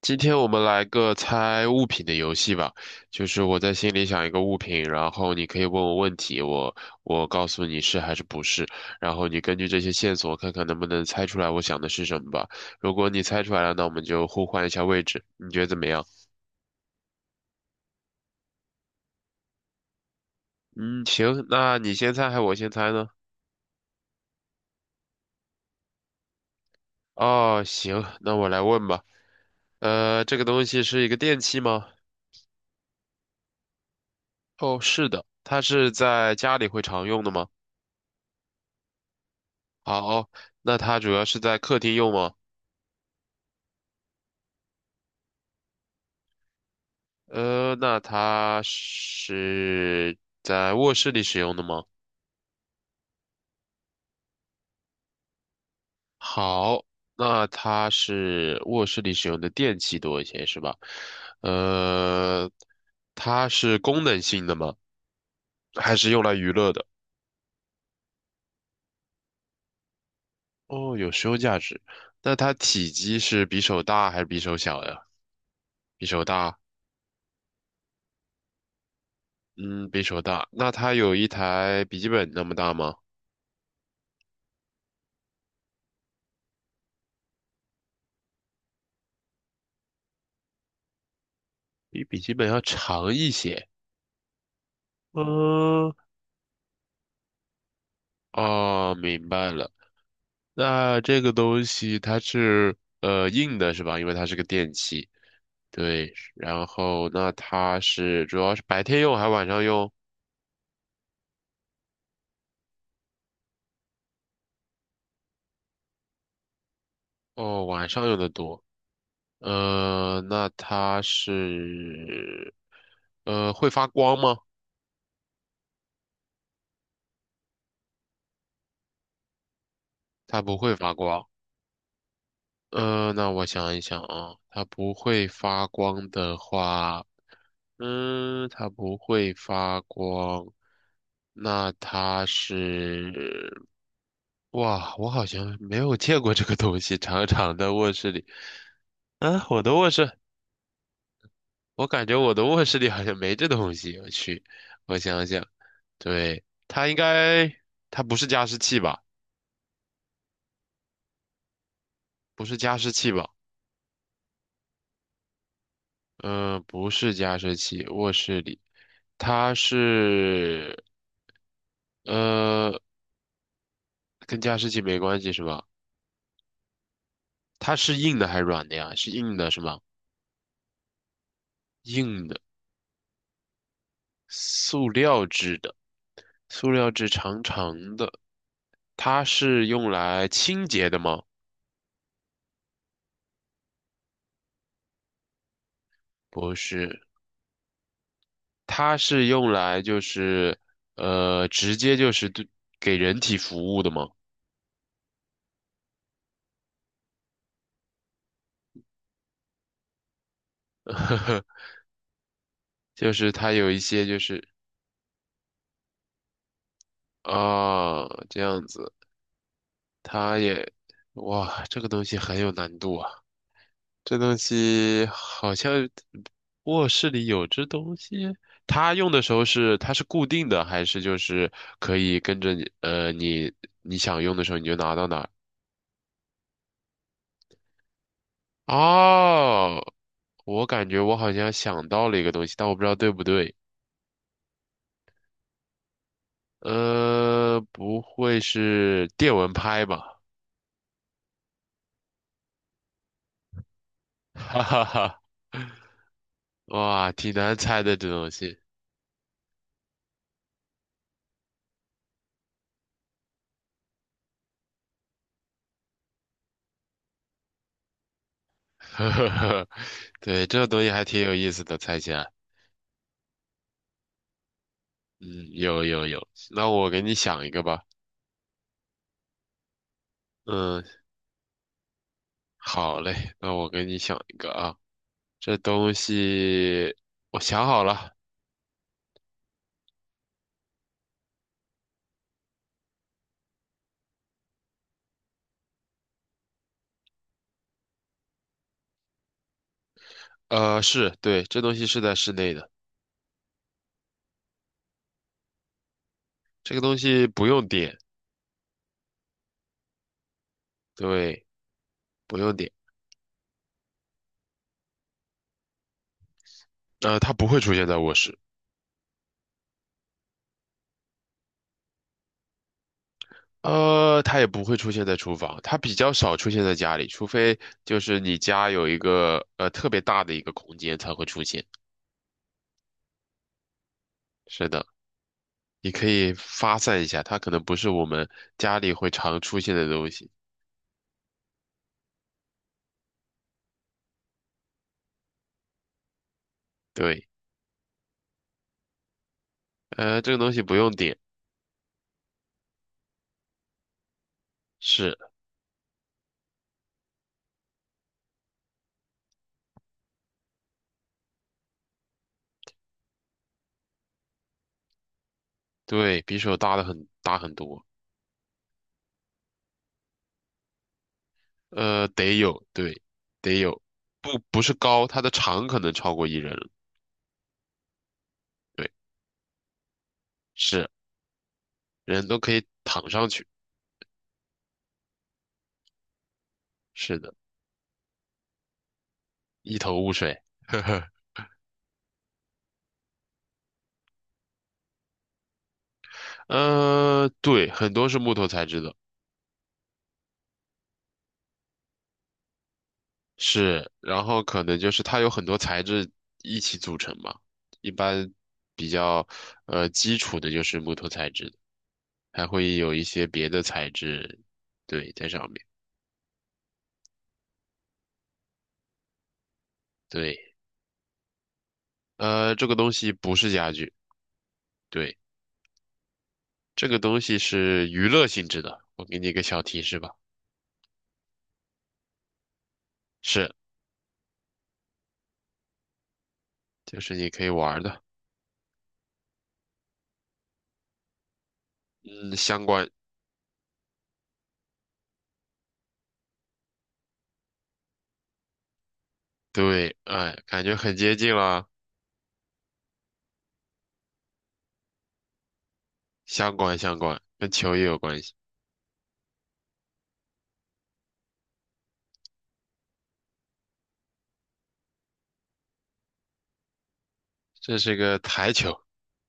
今天我们来个猜物品的游戏吧，就是我在心里想一个物品，然后你可以问我问题，我告诉你是还是不是，然后你根据这些线索看看能不能猜出来我想的是什么吧。如果你猜出来了，那我们就互换一下位置，你觉得怎么样？嗯，行，那你先猜还是我先猜呢？哦，行，那我来问吧。这个东西是一个电器吗？哦，是的，它是在家里会常用的吗？好，那它主要是在客厅用吗？呃，那它是在卧室里使用的吗？好，那它是卧室里使用的电器多一些，是吧？呃，它是功能性的吗？还是用来娱乐的？哦，有实用价值。那它体积是比手大还是比手小呀？比手大，嗯，比手大。那它有一台笔记本那么大吗？比笔记本要长一些。嗯，哦，明白了。那这个东西它是硬的是吧？因为它是个电器。对，然后那它是主要是白天用还是晚上用？哦，晚上用的多。呃，那它是呃会发光吗？它不会发光。那我想一想啊，它不会发光的话。嗯，它不会发光，那它是，哇，我好像没有见过这个东西，长长的卧室里，啊，我的卧室，我感觉我的卧室里好像没这东西，我去，我想想，对，它应该，它不是加湿器吧？不是加湿器吧？嗯，不是加湿器，卧室里，它是，呃，跟加湿器没关系是吧？它是硬的还是软的呀？是硬的，是吗？硬的，塑料制的，塑料制长长的。它是用来清洁的吗？不是，它是用来就是呃，直接就是对给人体服务的吗？呵呵就是它有一些就是啊，这样子，它也哇，这个东西很有难度啊。这东西好像卧室里有这东西，它用的时候是它是固定的，还是就是可以跟着你你想用的时候你就拿到哪儿？哦，我感觉我好像想到了一个东西，但我不知道对不对。不会是电蚊拍吧？哈哈哈，哇，挺难猜的这东西。呵呵呵，对，这个东西还挺有意思的，猜起来。嗯，有有有，那我给你想一个吧。嗯，好嘞，那我给你想一个啊，这东西我想好了，呃，是，对，这东西是在室内的，这个东西不用点，对，不用点，它不会出现在卧室，它也不会出现在厨房，它比较少出现在家里，除非就是你家有一个特别大的一个空间才会出现。是的，你可以发散一下，它可能不是我们家里会常出现的东西，对，这个东西不用点，是。对，比手大的很大很多，得有，对，得有，不是高，它的长可能超过一人了，对，是，人都可以躺上去，是的，一头雾水，呵呵，对，很多是木头材质的，是，然后可能就是它有很多材质一起组成嘛，一般比较基础的就是木头材质的还会有一些别的材质，对，在上面，对，这个东西不是家具。对，这个东西是娱乐性质的，我给你一个小提示吧，是，就是你可以玩儿的，嗯，相关，对，哎，感觉很接近了，相关相关，跟球也有关系，这是个台球，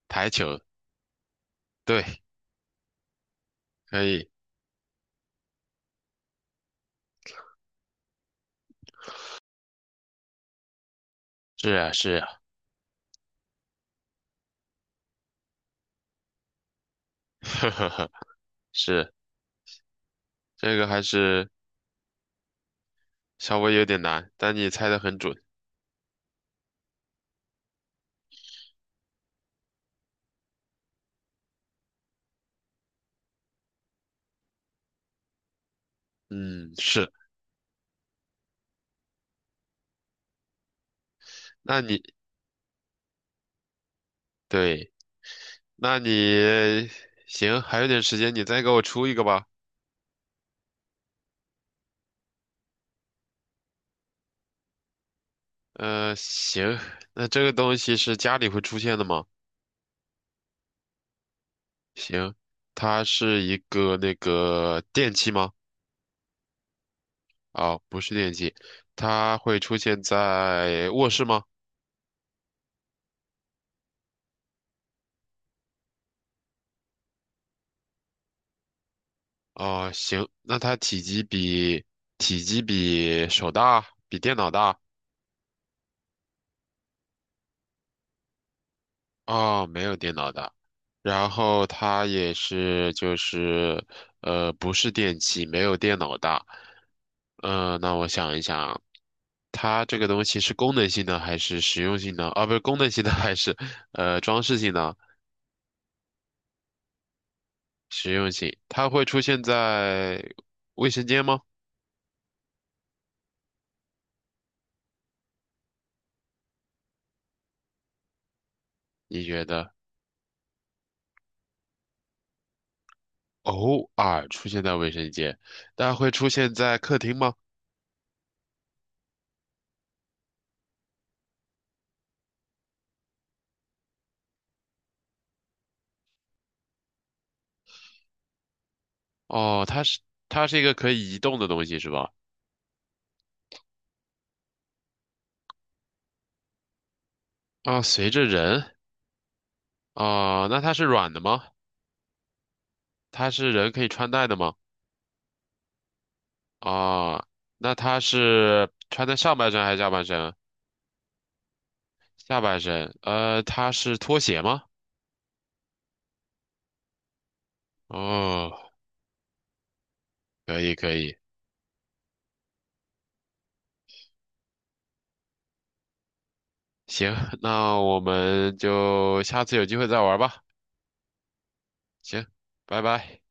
台球，对，可以，是啊是啊，呵呵呵，是，这个还是稍微有点难，但你猜的很准，嗯，是，那你，对，那你，行，还有点时间，你再给我出一个吧。行，那这个东西是家里会出现的吗？行，它是一个那个电器吗？啊、不是电器，它会出现在卧室吗？啊、行，那它体积比体积比手大，比电脑大。哦，没有电脑的，然后它也是就是不是电器，没有电脑大。嗯，那我想一想，它这个东西是功能性的还是实用性的？啊，不是功能性的还是装饰性的？实用性，它会出现在卫生间吗？你觉得偶尔出现在卫生间，但会出现在客厅吗？哦，它是一个可以移动的东西是吧？啊，随着人。啊、那它是软的吗？它是人可以穿戴的吗？啊、那它是穿在上半身还是下半身？下半身。它是拖鞋吗？哦，可以可以，行，那我们就下次有机会再玩吧。行，拜拜。